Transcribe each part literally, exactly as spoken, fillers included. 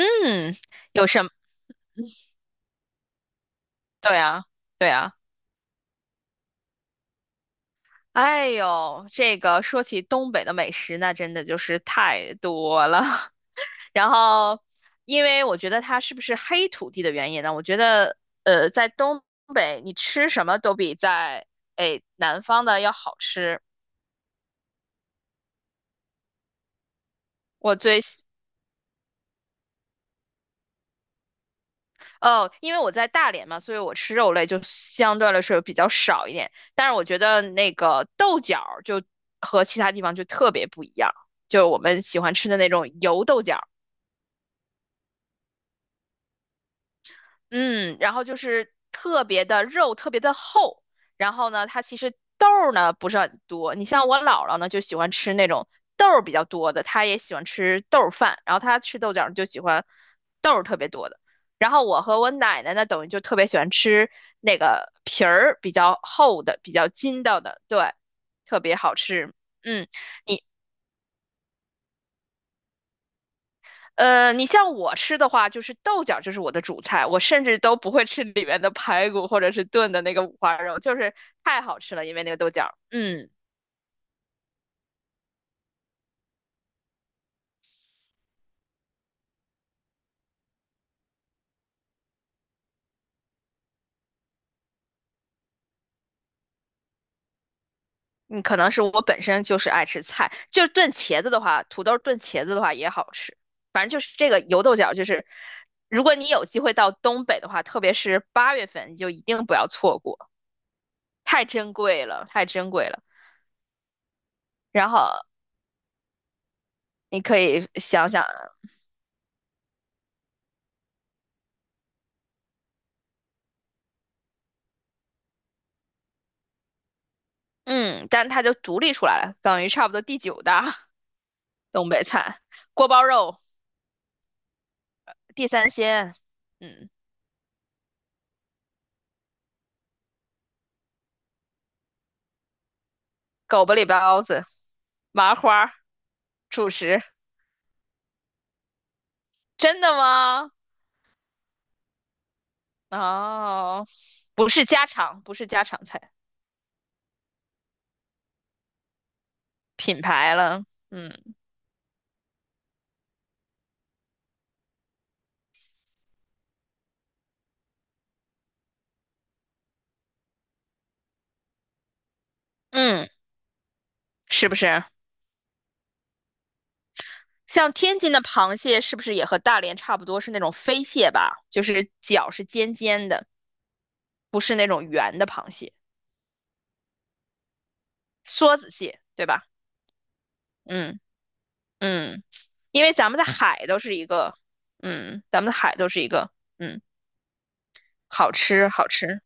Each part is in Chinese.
嗯，有什么？对啊，对啊。哎呦，这个说起东北的美食，那真的就是太多了。然后，因为我觉得它是不是黑土地的原因呢？我觉得，呃，在东北你吃什么都比在哎南方的要好吃。我最喜。哦，因为我在大连嘛，所以我吃肉类就相对来说比较少一点。但是我觉得那个豆角儿就和其他地方就特别不一样，就我们喜欢吃的那种油豆角嗯，然后就是特别的肉特别的厚，然后呢，它其实豆儿呢不是很多。你像我姥姥呢就喜欢吃那种豆儿比较多的，她也喜欢吃豆儿饭，然后她吃豆角儿就喜欢豆儿特别多的。然后我和我奶奶呢，等于就特别喜欢吃那个皮儿比较厚的、比较筋道的，对，特别好吃。嗯，你呃，你像我吃的话，就是豆角就是我的主菜，我甚至都不会吃里面的排骨或者是炖的那个五花肉，就是太好吃了，因为那个豆角。嗯，嗯，可能是我本身就是爱吃菜，就炖茄子的话，土豆炖茄子的话也好吃，反正就是这个油豆角，就是如果你有机会到东北的话，特别是八月份，你就一定不要错过，太珍贵了，太珍贵了。然后你可以想想，嗯，但它就独立出来了，等于差不多第九大。东北菜，锅包肉、地三鲜，嗯，狗不理包子、麻花、主食。真的吗？哦，不是家常，不是家常菜，品牌了。嗯嗯，是不是？像天津的螃蟹是不是也和大连差不多是那种飞蟹吧？就是脚是尖尖的，不是那种圆的螃蟹，梭子蟹，对吧？嗯嗯，因为咱们的海都是一个，嗯，咱们的海都是一个，嗯。好吃好吃。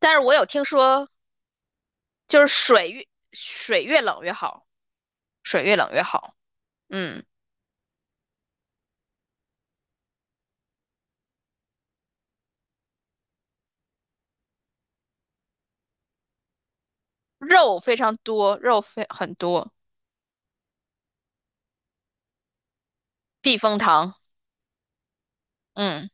但是我有听说，就是水越水越冷越好，水越冷越好。嗯，肉非常多，肉非很多，避风塘。嗯，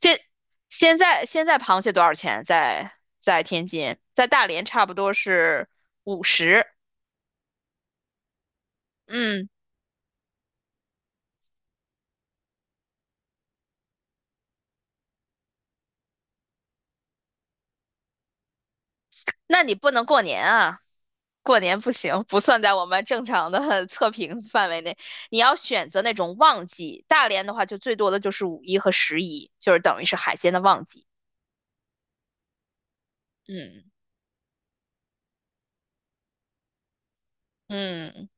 现现在现在螃蟹多少钱？在在天津，在大连差不多是五十。嗯，那你不能过年啊。过年不行，不算在我们正常的 测评范围内。你要选择那种旺季，大连的话就最多的就是五一和十一，就是等于是海鲜的旺季。嗯嗯，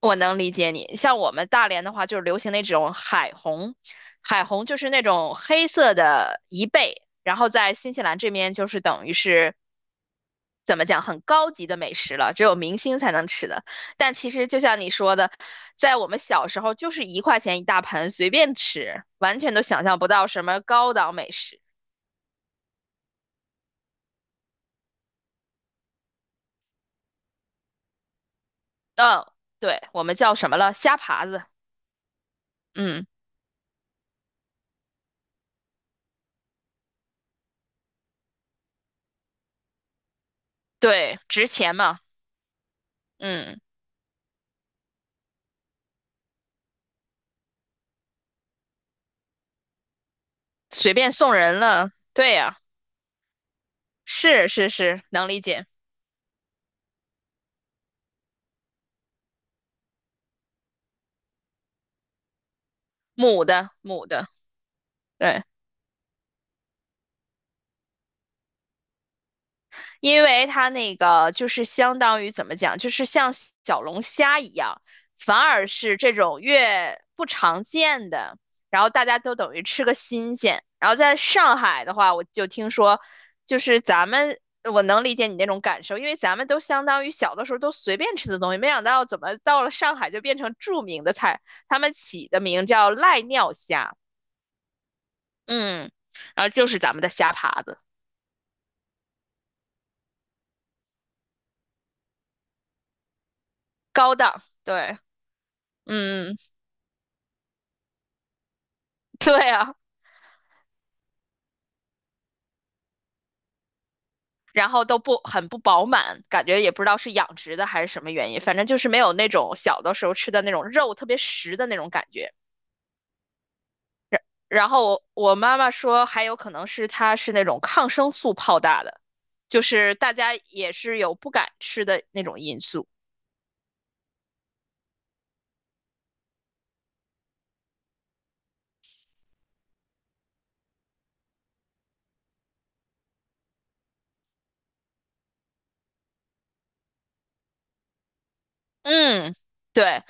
我能理解你。像我们大连的话，就是流行那种海虹，海虹就是那种黑色的贻贝，然后在新西兰这边就是等于是怎么讲很高级的美食了，只有明星才能吃的。但其实就像你说的，在我们小时候就是一块钱一大盆，随便吃，完全都想象不到什么高档美食。嗯，对，我们叫什么了？虾爬子。嗯，对，值钱嘛。嗯，随便送人了。对呀，是是是，能理解。母的母的，对。因为它那个就是相当于怎么讲，就是像小龙虾一样，反而是这种越不常见的，然后大家都等于吃个新鲜。然后在上海的话，我就听说，就是咱们我能理解你那种感受，因为咱们都相当于小的时候都随便吃的东西，没想到怎么到了上海就变成著名的菜，他们起的名叫赖尿虾，嗯，然后就是咱们的虾爬子，高档，对，嗯，对啊。然后都不很不饱满，感觉也不知道是养殖的还是什么原因，反正就是没有那种小的时候吃的那种肉特别实的那种感觉。然然后我我妈妈说，还有可能是它是那种抗生素泡大的，就是大家也是有不敢吃的那种因素。嗯，对。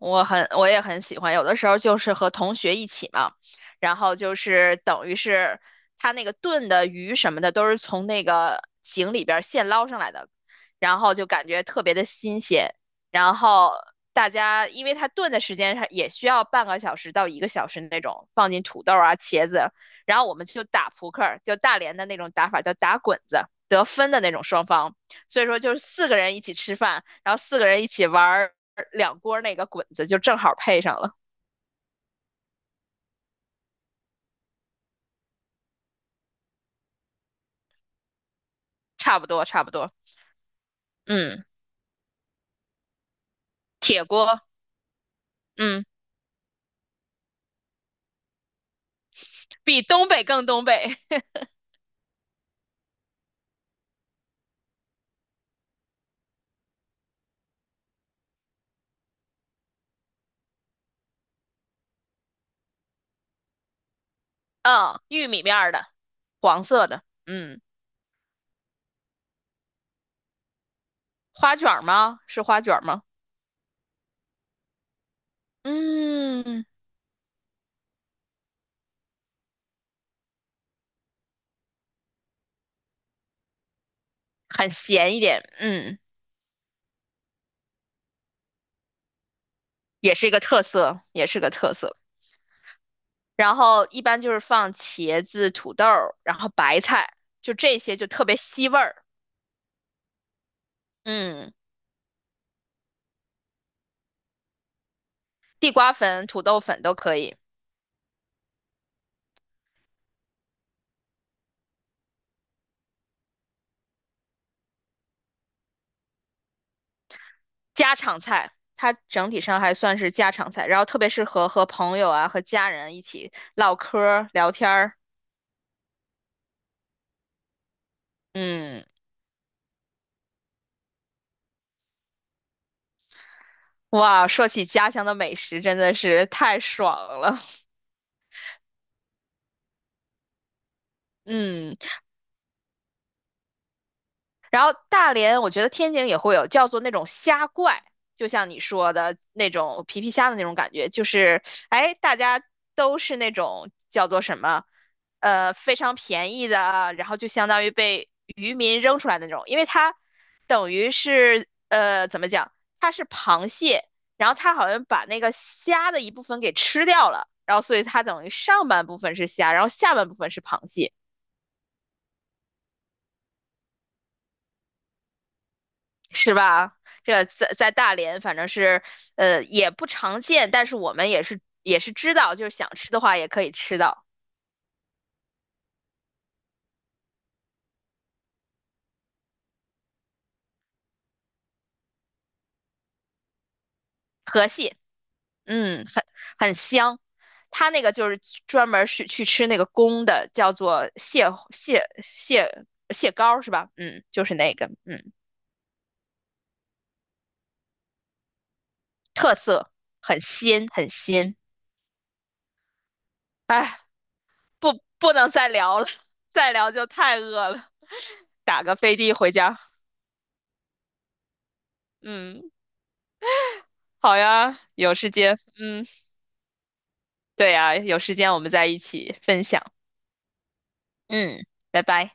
我很，我也很喜欢。有的时候就是和同学一起嘛，然后就是等于是他那个炖的鱼什么的都是从那个井里边儿现捞上来的，然后就感觉特别的新鲜。然后大家因为他炖的时间上也需要半个小时到一个小时那种，放进土豆啊、茄子，然后我们就打扑克儿，就大连的那种打法叫打滚子，得分的那种双方。所以说就是四个人一起吃饭，然后四个人一起玩。两锅那个滚子就正好配上了，差不多差不多。嗯，铁锅，嗯，比东北更东北。嗯，玉米面的，黄色的，嗯，花卷吗？是花卷吗？嗯，很咸一点，嗯，也是一个特色，也是个特色。然后一般就是放茄子、土豆然后白菜，就这些就特别吸味儿。嗯，地瓜粉、土豆粉都可以。家常菜，它整体上还算是家常菜，然后特别适合和朋友啊和家人一起唠嗑儿聊天儿。嗯，哇，说起家乡的美食真的是太爽了。嗯，然后大连，我觉得天津也会有叫做那种虾怪，就像你说的那种皮皮虾的那种感觉，就是哎，大家都是那种叫做什么，呃，非常便宜的啊，然后就相当于被渔民扔出来的那种，因为它等于是呃怎么讲，它是螃蟹，然后它好像把那个虾的一部分给吃掉了，然后所以它等于上半部分是虾，然后下半部分是螃蟹。是吧？这个在在大连，反正是呃也不常见，但是我们也是也是知道，就是想吃的话也可以吃到河蟹，嗯，很很香。它那个就是专门是去吃那个公的，叫做蟹蟹蟹蟹膏是吧？嗯，就是那个，嗯，特色很鲜很鲜。哎，不不能再聊了，再聊就太饿了，打个飞的回家。嗯，好呀，有时间，嗯。对啊，有时间我们再一起分享。嗯，拜拜。